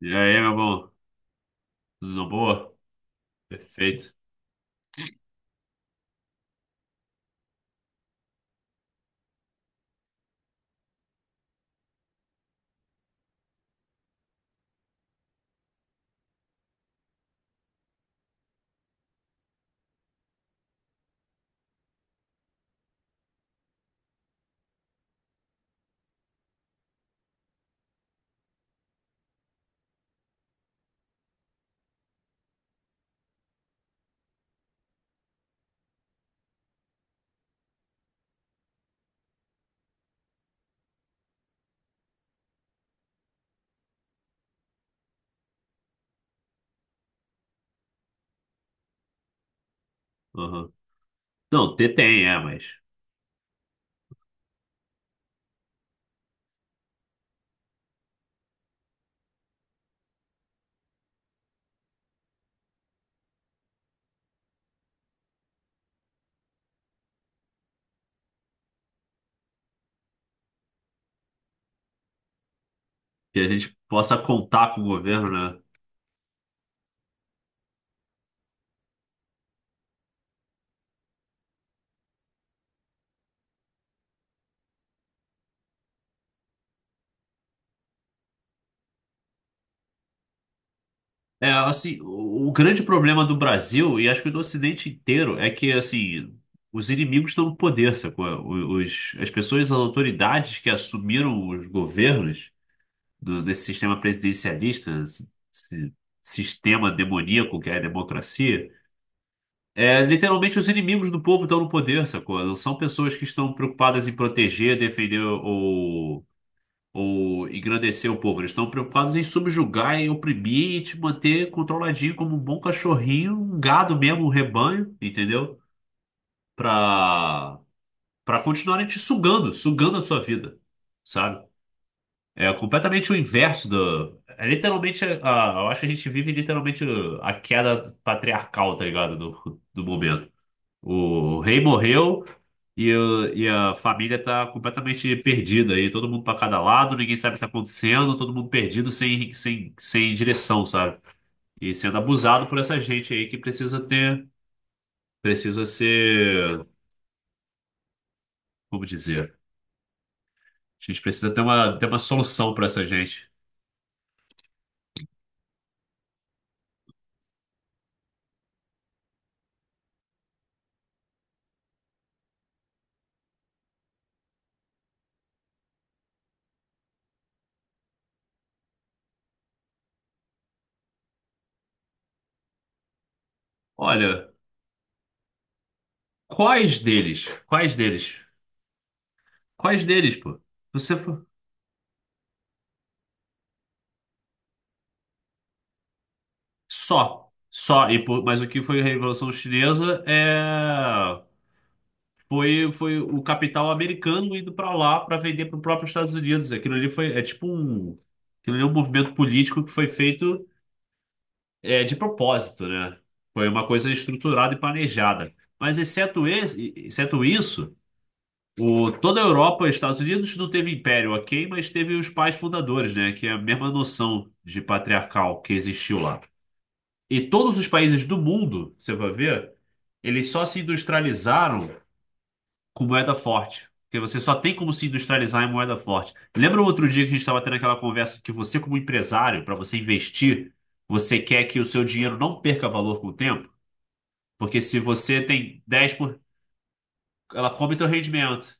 E aí, meu bom? Tudo na boa? Perfeito. Aham. Não, ter tem, mas que a gente possa contar com o governo, né? Assim, o grande problema do Brasil, e acho que do Ocidente inteiro, é que os inimigos estão no poder, sacou? As pessoas, as autoridades que assumiram os governos desse sistema presidencialista, esse sistema demoníaco que é a democracia. É, literalmente os inimigos do povo estão no poder, sacou? Não são pessoas que estão preocupadas em proteger, defender ou engrandecer o povo. Eles estão preocupados em subjugar, em oprimir e te manter controladinho como um bom cachorrinho, um gado mesmo, um rebanho, entendeu? Pra, pra continuarem te sugando, sugando a sua vida, sabe? É completamente o inverso do... É literalmente, eu acho que a gente vive literalmente a queda patriarcal, tá ligado? Do momento. O rei morreu e, e a família tá completamente perdida aí. Todo mundo pra cada lado, ninguém sabe o que tá acontecendo, todo mundo perdido sem direção, sabe? E sendo abusado por essa gente aí que precisa ter, precisa ser, como dizer? A gente precisa ter uma solução pra essa gente. Olha, quais deles? Quais deles? Quais deles, pô? Você foi... Só. Só. E por... Mas o que foi a Revolução Chinesa? É. Foi, foi o capital americano indo para lá para vender para o próprio Estados Unidos. Aquilo ali foi, é tipo um, aquilo ali é um movimento político que foi feito de propósito, né? Foi uma coisa estruturada e planejada. Mas exceto, esse, exceto isso, o, toda a Europa e Estados Unidos não teve império, ok, mas teve os pais fundadores, né? Que é a mesma noção de patriarcal que existiu lá. E todos os países do mundo, você vai ver, eles só se industrializaram com moeda forte. Porque você só tem como se industrializar em moeda forte. Lembra outro dia que a gente estava tendo aquela conversa que você, como empresário, para você investir, você quer que o seu dinheiro não perca valor com o tempo? Porque se você tem 10 por... ela come teu rendimento.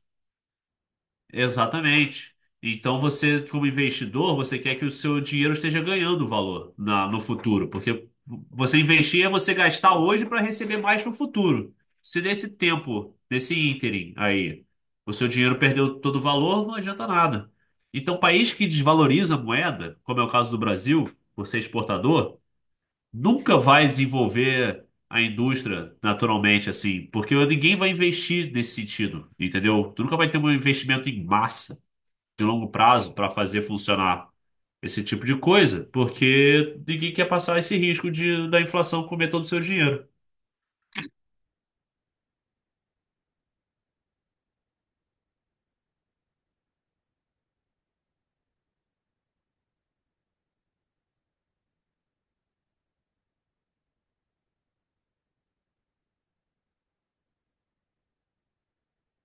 Exatamente. Então você, como investidor, você quer que o seu dinheiro esteja ganhando valor na, no futuro, porque você investir é você gastar hoje para receber mais no futuro. Se nesse tempo, nesse ínterim aí, o seu dinheiro perdeu todo o valor, não adianta nada. Então, país que desvaloriza a moeda, como é o caso do Brasil, por ser exportador, nunca vai desenvolver a indústria naturalmente, assim, porque ninguém vai investir nesse sentido, entendeu? Tu nunca vai ter um investimento em massa de longo prazo para fazer funcionar esse tipo de coisa, porque ninguém quer passar esse risco de da inflação comer todo o seu dinheiro.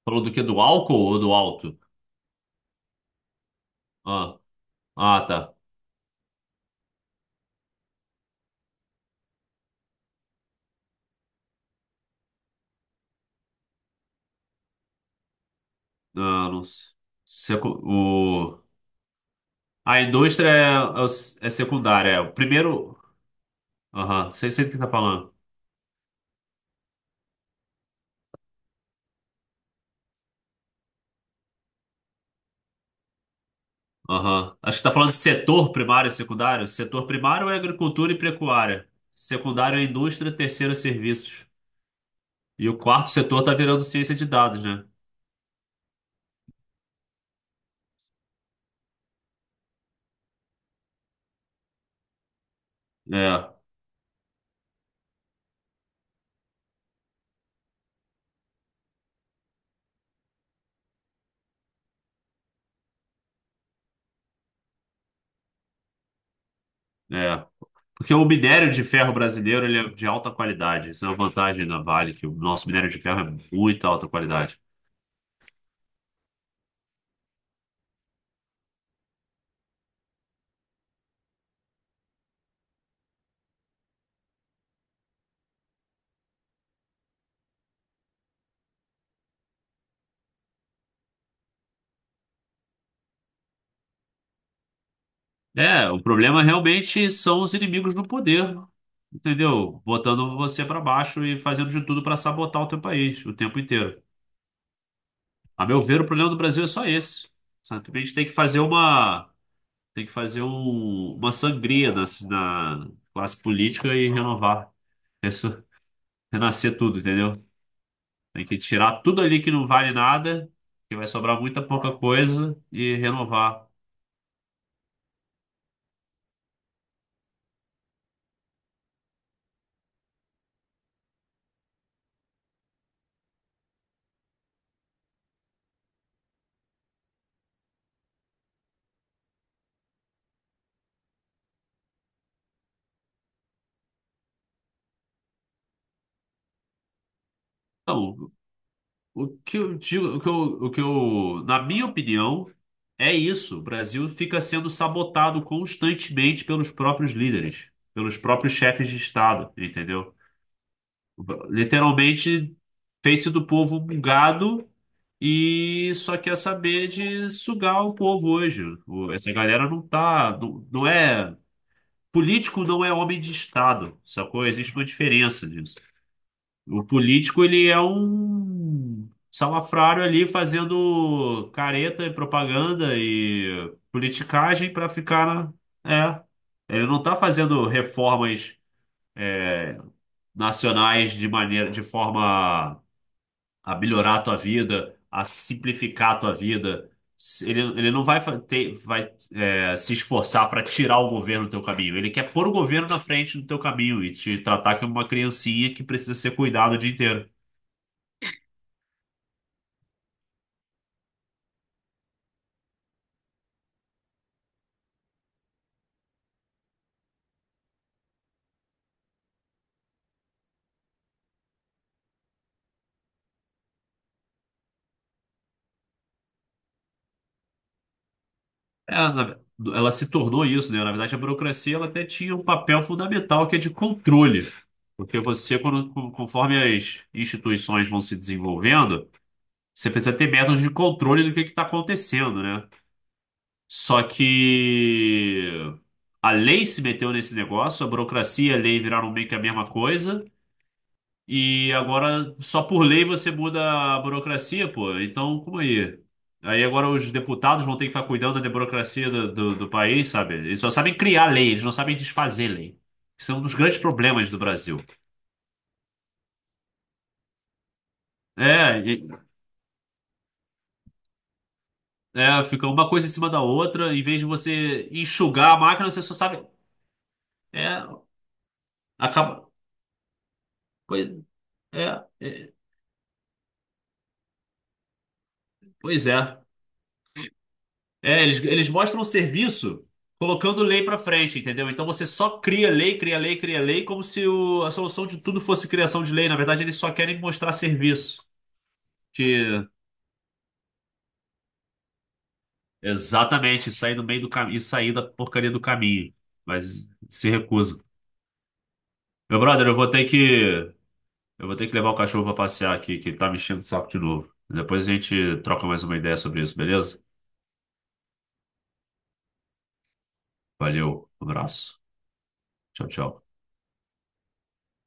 Falou do que? Do álcool ou do alto? Ah, ah, tá. Ah, não sei. O... A indústria é secundária. É. O primeiro. Aham, sei, sei do que você tá falando. Aham. Acho que tá falando de setor primário e secundário. Setor primário é agricultura e pecuária. Secundário é indústria, terceiro é serviços. E o quarto setor tá virando ciência de dados, né? É, é. Porque o minério de ferro brasileiro, ele é de alta qualidade. Isso é uma vantagem da Vale, que o nosso minério de ferro é muito alta qualidade. É, o problema realmente são os inimigos do poder, entendeu? Botando você para baixo e fazendo de tudo para sabotar o teu país o tempo inteiro. A meu ver, o problema do Brasil é só esse. Simplesmente tem que fazer uma, tem que fazer um- uma sangria na, na classe política e renovar. Resso- renascer tudo, entendeu? Tem que tirar tudo ali que não vale nada, que vai sobrar muita pouca coisa e renovar. Então, o que eu digo, o que eu, na minha opinião, é isso. O Brasil fica sendo sabotado constantemente pelos próprios líderes, pelos próprios chefes de Estado, entendeu? Literalmente fez-se do povo um gado e só quer saber de sugar o povo hoje. Essa galera não é, político não é homem de Estado, sacou? Existe uma diferença nisso. O político, ele é um salafrário ali fazendo careta e propaganda e politicagem para ficar na... É, ele não tá fazendo reformas nacionais de maneira, de forma a melhorar a tua vida, a simplificar a tua vida. Ele, ele não vai fa- ter, vai, é, se esforçar para tirar o governo do teu caminho. Ele quer pôr o governo na frente do teu caminho e te tratar como uma criancinha que precisa ser cuidada o dia inteiro. É, na- ela se tornou isso, né? Na verdade, a burocracia ela até tinha um papel fundamental que é de controle. Porque você, conforme as instituições vão se desenvolvendo, você precisa ter métodos de controle do que está acontecendo, né? Só que a lei se meteu nesse negócio, a burocracia e a lei viraram meio que a mesma coisa. E agora, só por lei você muda a burocracia, pô. Então, como aí? Aí agora os deputados vão ter que ficar cuidando da burocracia do país, sabe? Eles só sabem criar lei, eles não sabem desfazer lei. Isso é um dos grandes problemas do Brasil. É, e- é, fica uma coisa em cima da outra, em vez de você enxugar a máquina, você só sabe. É, acaba. Pois é, é, pois é. É, eles mostram o serviço colocando lei pra frente, entendeu? Então você só cria lei, cria lei, cria lei, como se a solução de tudo fosse criação de lei. Na verdade, eles só querem mostrar serviço. Que exatamente, sair no meio do caminho, sair da porcaria do caminho. Mas se recusa. Meu brother, eu vou ter que levar o cachorro pra passear aqui, que ele tá me enchendo o saco de novo. Depois a gente troca mais uma ideia sobre isso, beleza? Valeu, abraço. Tchau, tchau.